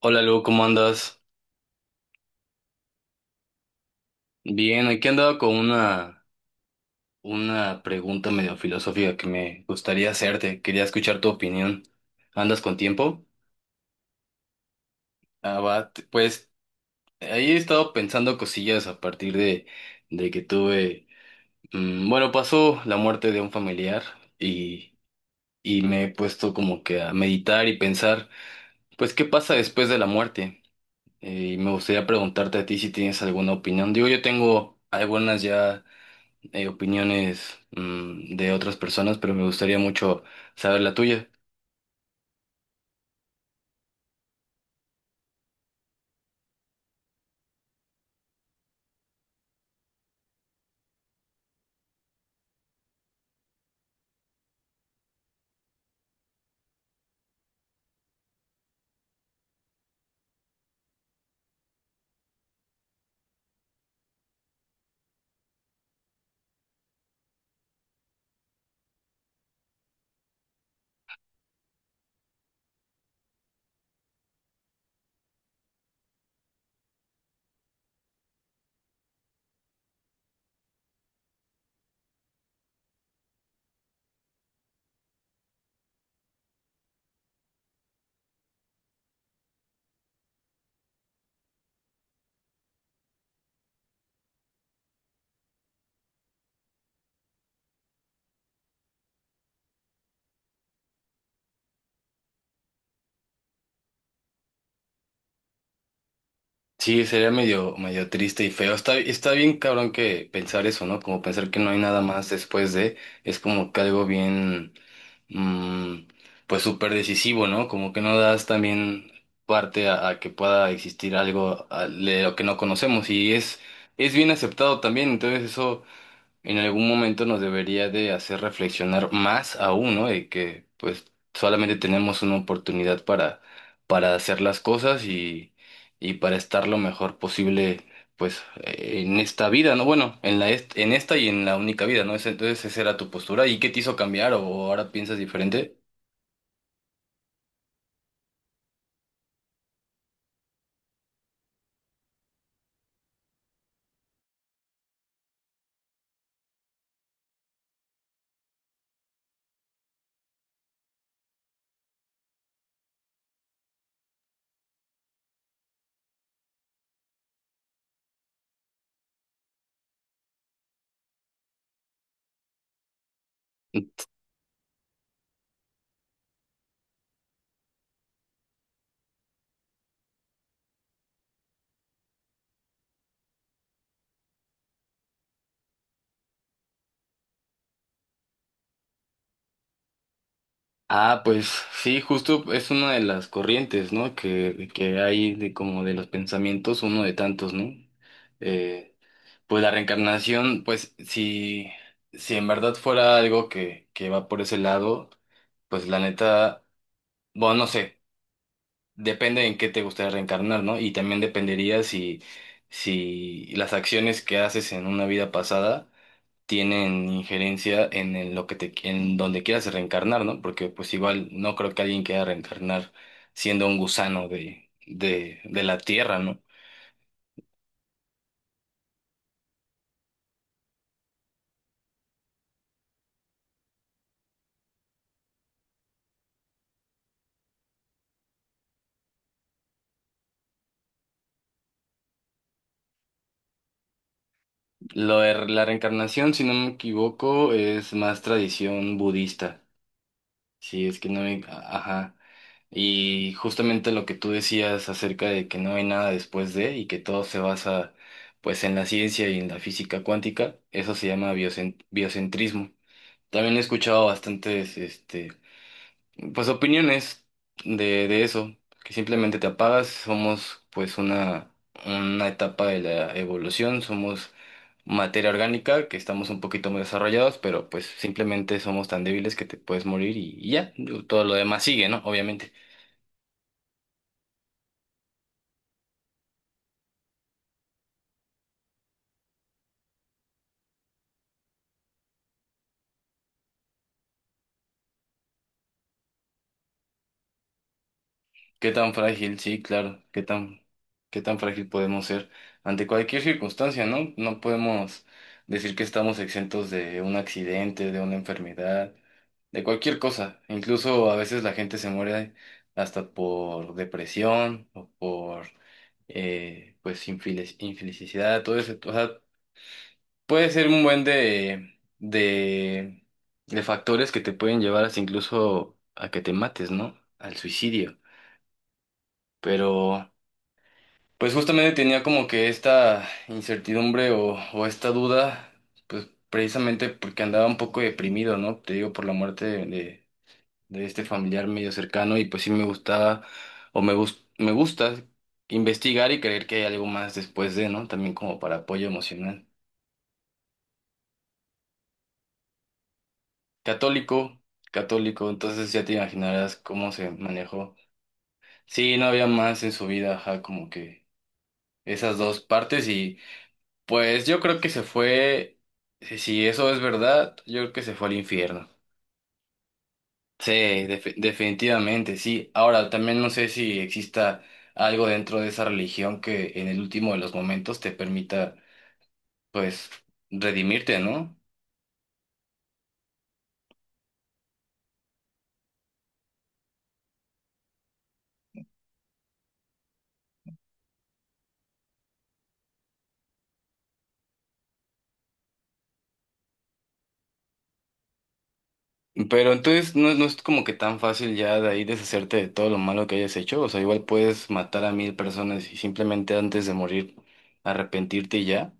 Hola Lu, ¿cómo andas? Bien, aquí andaba con una pregunta medio filosófica que me gustaría hacerte. Quería escuchar tu opinión. ¿Andas con tiempo? Pues ahí he estado pensando cosillas a partir de que tuve... bueno, Pasó la muerte de un familiar y, y me he puesto como que a meditar y pensar, pues, ¿qué pasa después de la muerte? Y me gustaría preguntarte a ti si tienes alguna opinión. Digo, yo tengo algunas ya opiniones de otras personas, pero me gustaría mucho saber la tuya. Sí, sería medio triste y feo. Está bien cabrón que pensar eso, ¿no? Como pensar que no hay nada más después de, es como que algo bien, mm, pues súper decisivo, ¿no? Como que no das también parte a, que pueda existir algo de lo que no conocemos y es bien aceptado también, entonces eso en algún momento nos debería de hacer reflexionar más aún, ¿no? De que pues solamente tenemos una oportunidad para hacer las cosas y para estar lo mejor posible pues en esta vida, ¿no? Bueno, en la en esta y en la única vida, ¿no? Entonces esa era tu postura. ¿Y qué te hizo cambiar o ahora piensas diferente? Ah, pues sí, justo es una de las corrientes, ¿no? Que hay de como de los pensamientos, uno de tantos, ¿no? Eh, Pues la reencarnación, pues si, si en verdad fuera algo que va por ese lado, pues la neta, bueno, no sé, depende en qué te gustaría reencarnar, ¿no? Y también dependería si, si las acciones que haces en una vida pasada tienen injerencia en, lo que te, en donde quieras reencarnar, ¿no? Porque pues igual no creo que alguien quiera reencarnar siendo un gusano de la tierra, ¿no? Lo de la reencarnación, si no me equivoco, es más tradición budista. Sí, es que no hay, ajá. Y justamente lo que tú decías acerca de que no hay nada después de y que todo se basa pues en la ciencia y en la física cuántica, eso se llama biocentrismo. También he escuchado bastantes este pues opiniones de eso, que simplemente te apagas, somos pues una etapa de la evolución, somos materia orgánica, que estamos un poquito más desarrollados, pero pues simplemente somos tan débiles que te puedes morir y ya. Digo, todo lo demás sigue, ¿no? Obviamente. ¿Qué tan frágil? Sí, claro, qué tan frágil podemos ser ante cualquier circunstancia, ¿no? No podemos decir que estamos exentos de un accidente, de una enfermedad, de cualquier cosa. Incluso a veces la gente se muere hasta por depresión o por... pues infelicidad, todo eso. Puede ser un buen de factores que te pueden llevar hasta incluso a que te mates, ¿no? Al suicidio. Pero, pues justamente tenía como que esta incertidumbre o esta duda, pues precisamente porque andaba un poco deprimido, ¿no? Te digo, por la muerte de este familiar medio cercano y pues sí me gustaba o me gusta investigar y creer que hay algo más después de, ¿no? También como para apoyo emocional. Católico, católico, entonces ya te imaginarás cómo se manejó. Sí, no había más en su vida, ajá, como que esas dos partes y pues yo creo que se fue, si si eso es verdad, yo creo que se fue al infierno. Sí, definitivamente, sí. Ahora, también no sé si exista algo dentro de esa religión que en el último de los momentos te permita, pues, redimirte, ¿no? Pero entonces no, no es como que tan fácil ya de ahí deshacerte de todo lo malo que hayas hecho. O sea, igual puedes matar a mil personas y simplemente antes de morir arrepentirte y ya.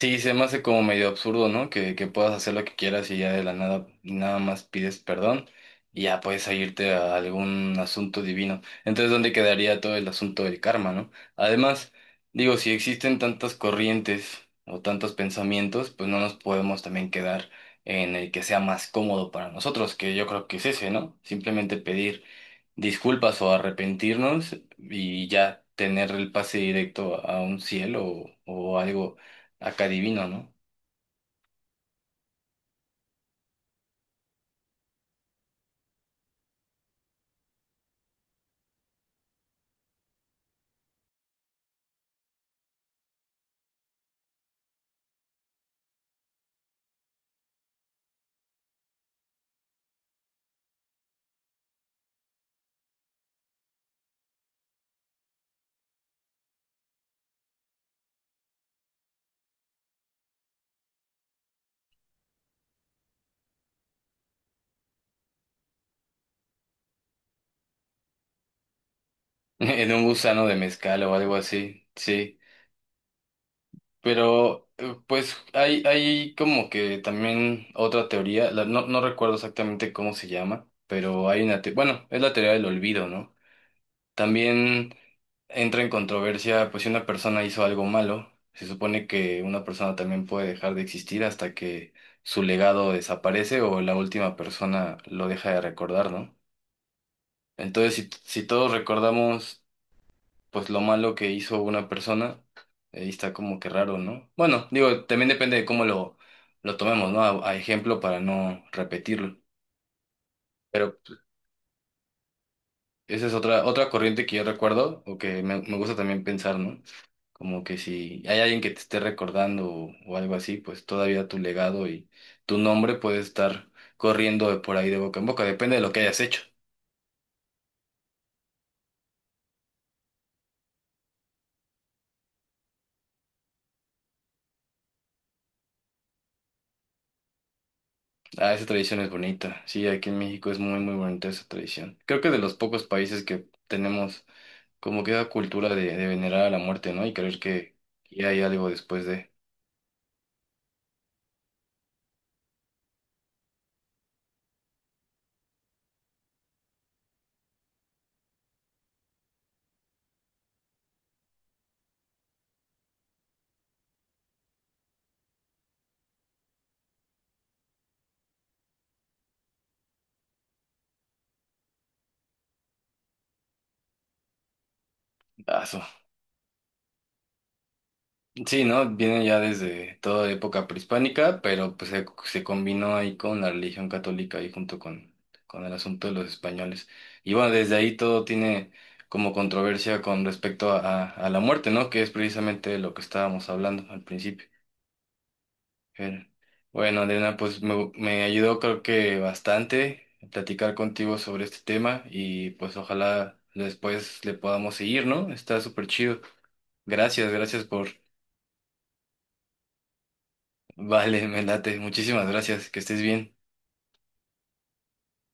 Sí, se me hace como medio absurdo, ¿no? Que puedas hacer lo que quieras y ya de la nada, nada más pides perdón y ya puedes irte a algún asunto divino. Entonces, ¿dónde quedaría todo el asunto del karma, ¿no? Además, digo, si existen tantas corrientes o tantos pensamientos, pues no nos podemos también quedar en el que sea más cómodo para nosotros, que yo creo que es ese, ¿no? Simplemente pedir disculpas o arrepentirnos y ya tener el pase directo a un cielo o algo acá divino, ¿no? En un gusano de mezcal o algo así, sí. Pero pues hay como que también otra teoría, no, no recuerdo exactamente cómo se llama, pero hay una, bueno, es la teoría del olvido, ¿no? También entra en controversia, pues si una persona hizo algo malo, se supone que una persona también puede dejar de existir hasta que su legado desaparece o la última persona lo deja de recordar, ¿no? Entonces, si, si todos recordamos, pues lo malo que hizo una persona, ahí está como que raro, ¿no? Bueno, digo, también depende de cómo lo tomemos, ¿no? A ejemplo para no repetirlo. Pero pues, esa es otra, otra corriente que yo recuerdo o que me gusta también pensar, ¿no? Como que si hay alguien que te esté recordando o algo así, pues todavía tu legado y tu nombre puede estar corriendo de por ahí de boca en boca, depende de lo que hayas hecho. Ah, esa tradición es bonita. Sí, aquí en México es muy, muy bonita esa tradición. Creo que de los pocos países que tenemos como que esa cultura de venerar a la muerte, ¿no? Y creer que hay algo después de... Ah, sí, ¿no? Viene ya desde toda época prehispánica, pero pues se combinó ahí con la religión católica y junto con el asunto de los españoles. Y bueno, desde ahí todo tiene como controversia con respecto a la muerte, ¿no? Que es precisamente lo que estábamos hablando al principio. Pero, bueno, Adriana, pues me ayudó creo que bastante platicar contigo sobre este tema y pues ojalá después le podamos seguir, ¿no? Está súper chido. Gracias, gracias por vale, me late. Muchísimas gracias. Que estés bien.